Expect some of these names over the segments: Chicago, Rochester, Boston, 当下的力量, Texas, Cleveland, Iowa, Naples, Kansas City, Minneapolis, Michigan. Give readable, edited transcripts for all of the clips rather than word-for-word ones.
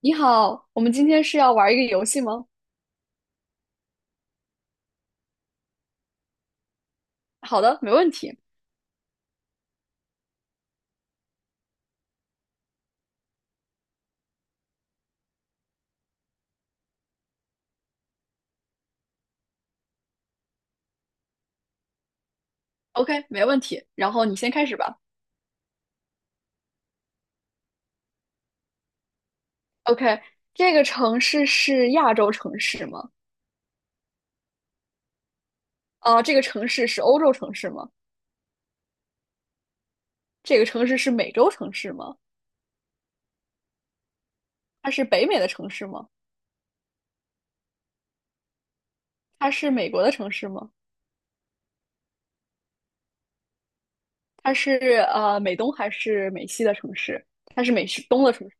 你好，我们今天是要玩一个游戏吗？好的，没问题。OK，没问题。然后你先开始吧。OK，这个城市是亚洲城市吗？这个城市是欧洲城市吗？这个城市是美洲城市吗？它是北美的城市吗？它是美国的城市吗？它是美东还是美西的城市？它是美西东的城市？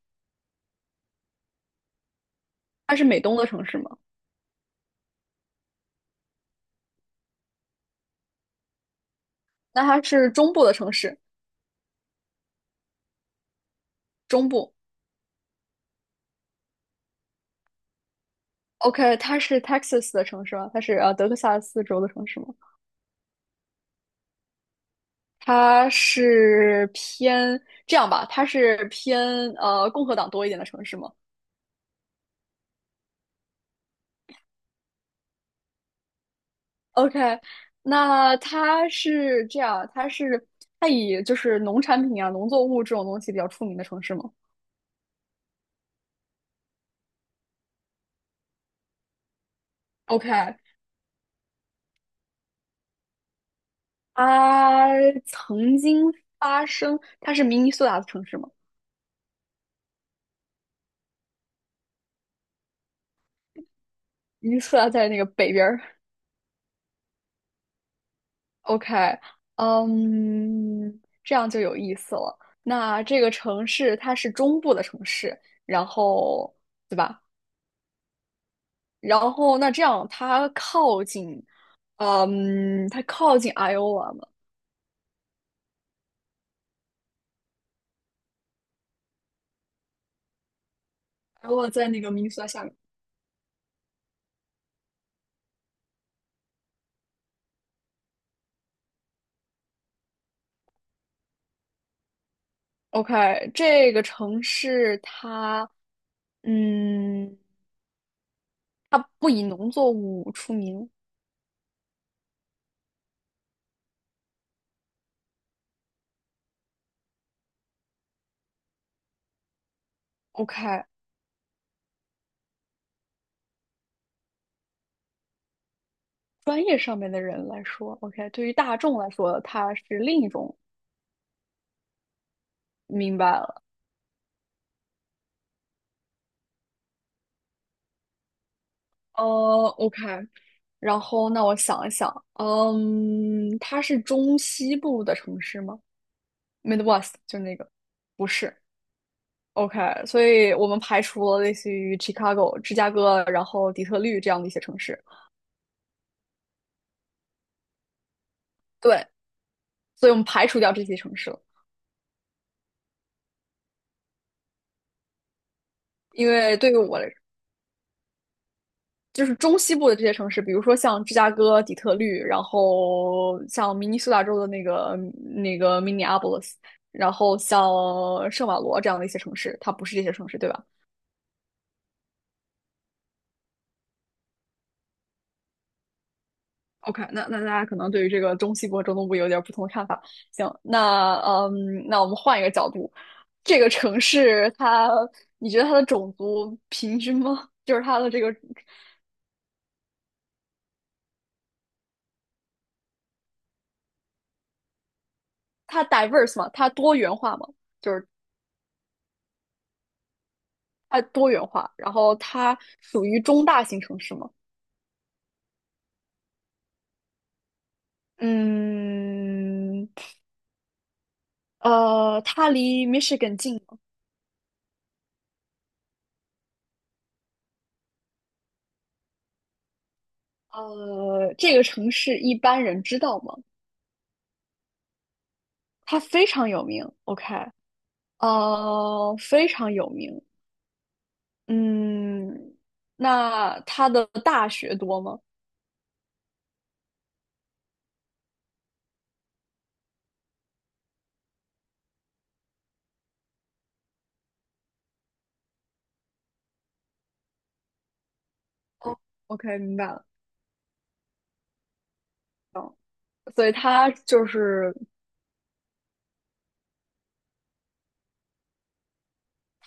它是美东的城市吗？那它是中部的城市，中部。OK,它是 Texas 的城市吗？它是德克萨斯州的城市吗？它是偏这样吧，它是偏共和党多一点的城市吗？OK，那它是这样，它是它以就是农产品啊、农作物这种东西比较出名的城市吗？OK，它曾经发生，它是明尼苏达的城市吗？明尼苏达在那个北边儿。OK，这样就有意思了。那这个城市它是中部的城市，然后对吧？然后那这样，它靠近，它靠近 Iowa 嘛？Iowa 在那个明尼苏达下面。OK，这个城市它，嗯，它不以农作物出名。OK，专业上面的人来说，OK，对于大众来说，它是另一种。明白了，呃，OK，然后那我想一想，它是中西部的城市吗？Midwest 就那个，不是。OK，所以我们排除了类似于 Chicago、芝加哥，然后底特律这样的一些城市。对，所以我们排除掉这些城市了，因为对于我来说，就是中西部的这些城市，比如说像芝加哥、底特律，然后像明尼苏达州的那个Minneapolis，然后像圣保罗这样的一些城市，它不是这些城市，对吧？OK，那那大家可能对于这个中西部和中东部有点不同的看法。行，那那我们换一个角度，这个城市它，你觉得它的种族平均吗？就是它的这个，它 diverse 吗？它多元化吗？就是它多元化，然后它属于中大型城市吗？嗯，它离 Michigan 近吗？这个城市一般人知道吗？它非常有名。OK。非常有名。嗯，那他的大学多吗？OK，明白了。所以他就是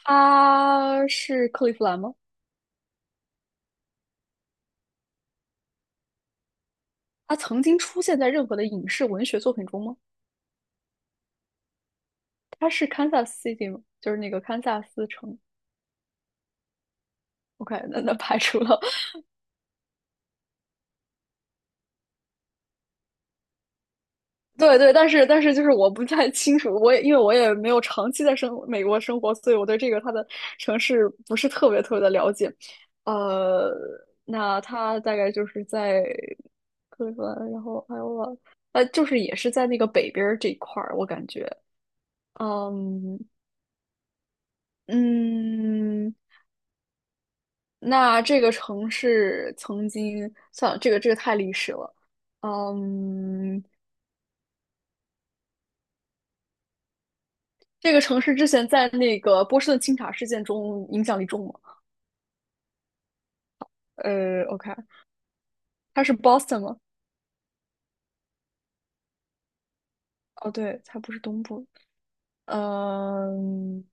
他是克利夫兰吗？他曾经出现在任何的影视文学作品中吗？他是堪萨斯 City 吗？就是那个堪萨斯城。OK，那那排除了。对对，但是就是我不太清楚，我也因为我也没有长期在生美国生活，所以我对这个它的城市不是特别特别的了解。呃，那它大概就是在克利夫兰，然后还有我，就是也是在那个北边儿这一块儿，我感觉，嗯嗯，那这个城市曾经，算了，这个这个太历史了，嗯，这个城市之前在那个波士顿清查事件中影响力重吗？OK，它是 Boston 吗？哦，对，它不是东部。嗯，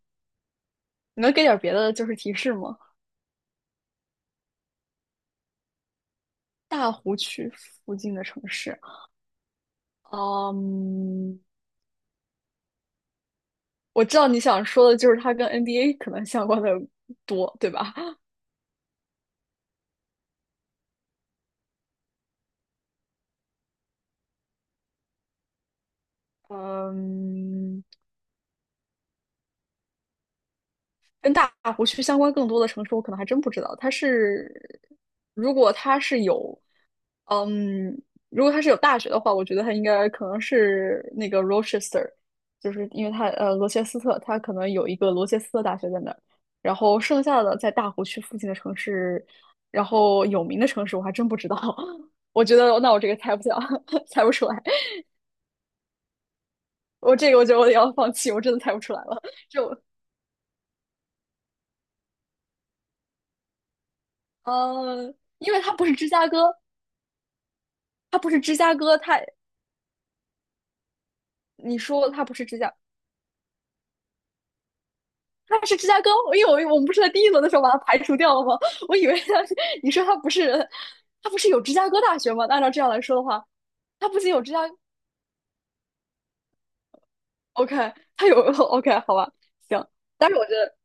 你能给点儿别的就是提示吗？大湖区附近的城市。嗯，我知道你想说的就是它跟 NBA 可能相关的多，对吧？嗯，跟大湖区相关更多的城市，我可能还真不知道。它是，如果它是有，嗯，如果它是有大学的话，我觉得它应该可能是那个 Rochester，就是因为它罗切斯特，它可能有一个罗切斯特大学在那儿。然后剩下的在大湖区附近的城市，然后有名的城市我还真不知道。我觉得那我这个猜不下，猜不出来。我这个我觉得我得要放弃，我真的猜不出来了。就呃，因为它不是芝加哥。他不是芝加哥，他你说他不是芝加，他是芝加哥，因为我们不是在第一轮的时候把他排除掉了吗？我以为他是，你说他不是，他不是有芝加哥大学吗？按照这样来说的话，他不仅有芝加，OK，他有 OK，好吧，行，但是我觉得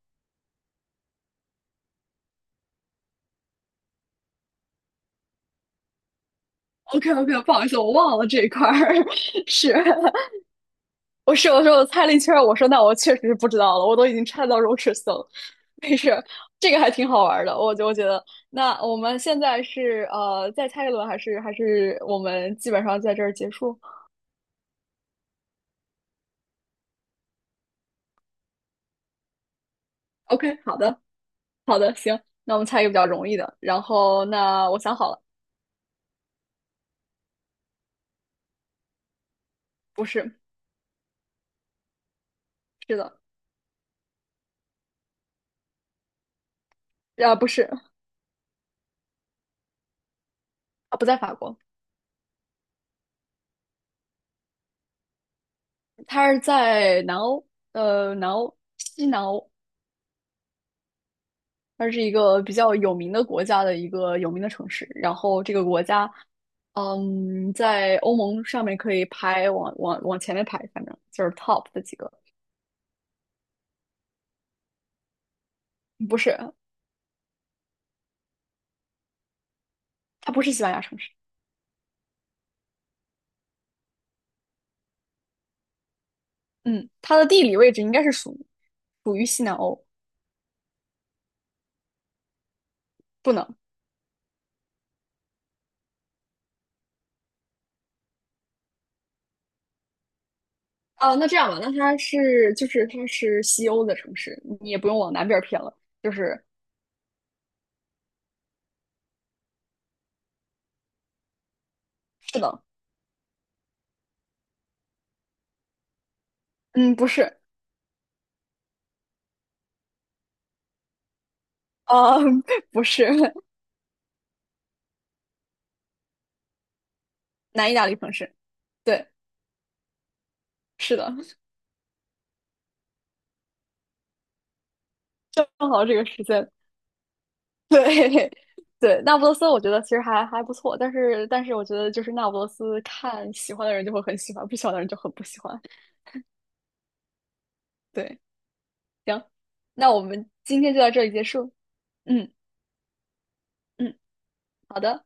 OK OK，不好意思，我忘了这一块儿 是。我是我说我猜了一圈我说那我确实是不知道了，我都已经猜到荣氏森了。没事，这个还挺好玩的，我就我觉得。那我们现在是再猜一轮，还是我们基本上在这儿结束？OK，好的，好的，行，那我们猜一个比较容易的。然后那我想好了，不是，是的，啊不是，啊不在法国，他是在南欧，南欧，西南欧，它是一个比较有名的国家的一个有名的城市。然后这个国家，在欧盟上面可以排往前面排，反正就是 top 的几个。不是，它不是西班牙城市。嗯，它的地理位置应该是属属于西南欧，不能。啊，那这样吧，那它是就是它是西欧的城市，你也不用往南边儿偏了，就是是的，嗯，不是，啊，不是 南意大利城市，对，是的，正好这个时间对 对，那不勒斯我觉得其实还不错，但是我觉得就是那不勒斯看喜欢的人就会很喜欢，不喜欢的人就很不喜欢。对，行，那我们今天就到这里结束。嗯嗯，好的。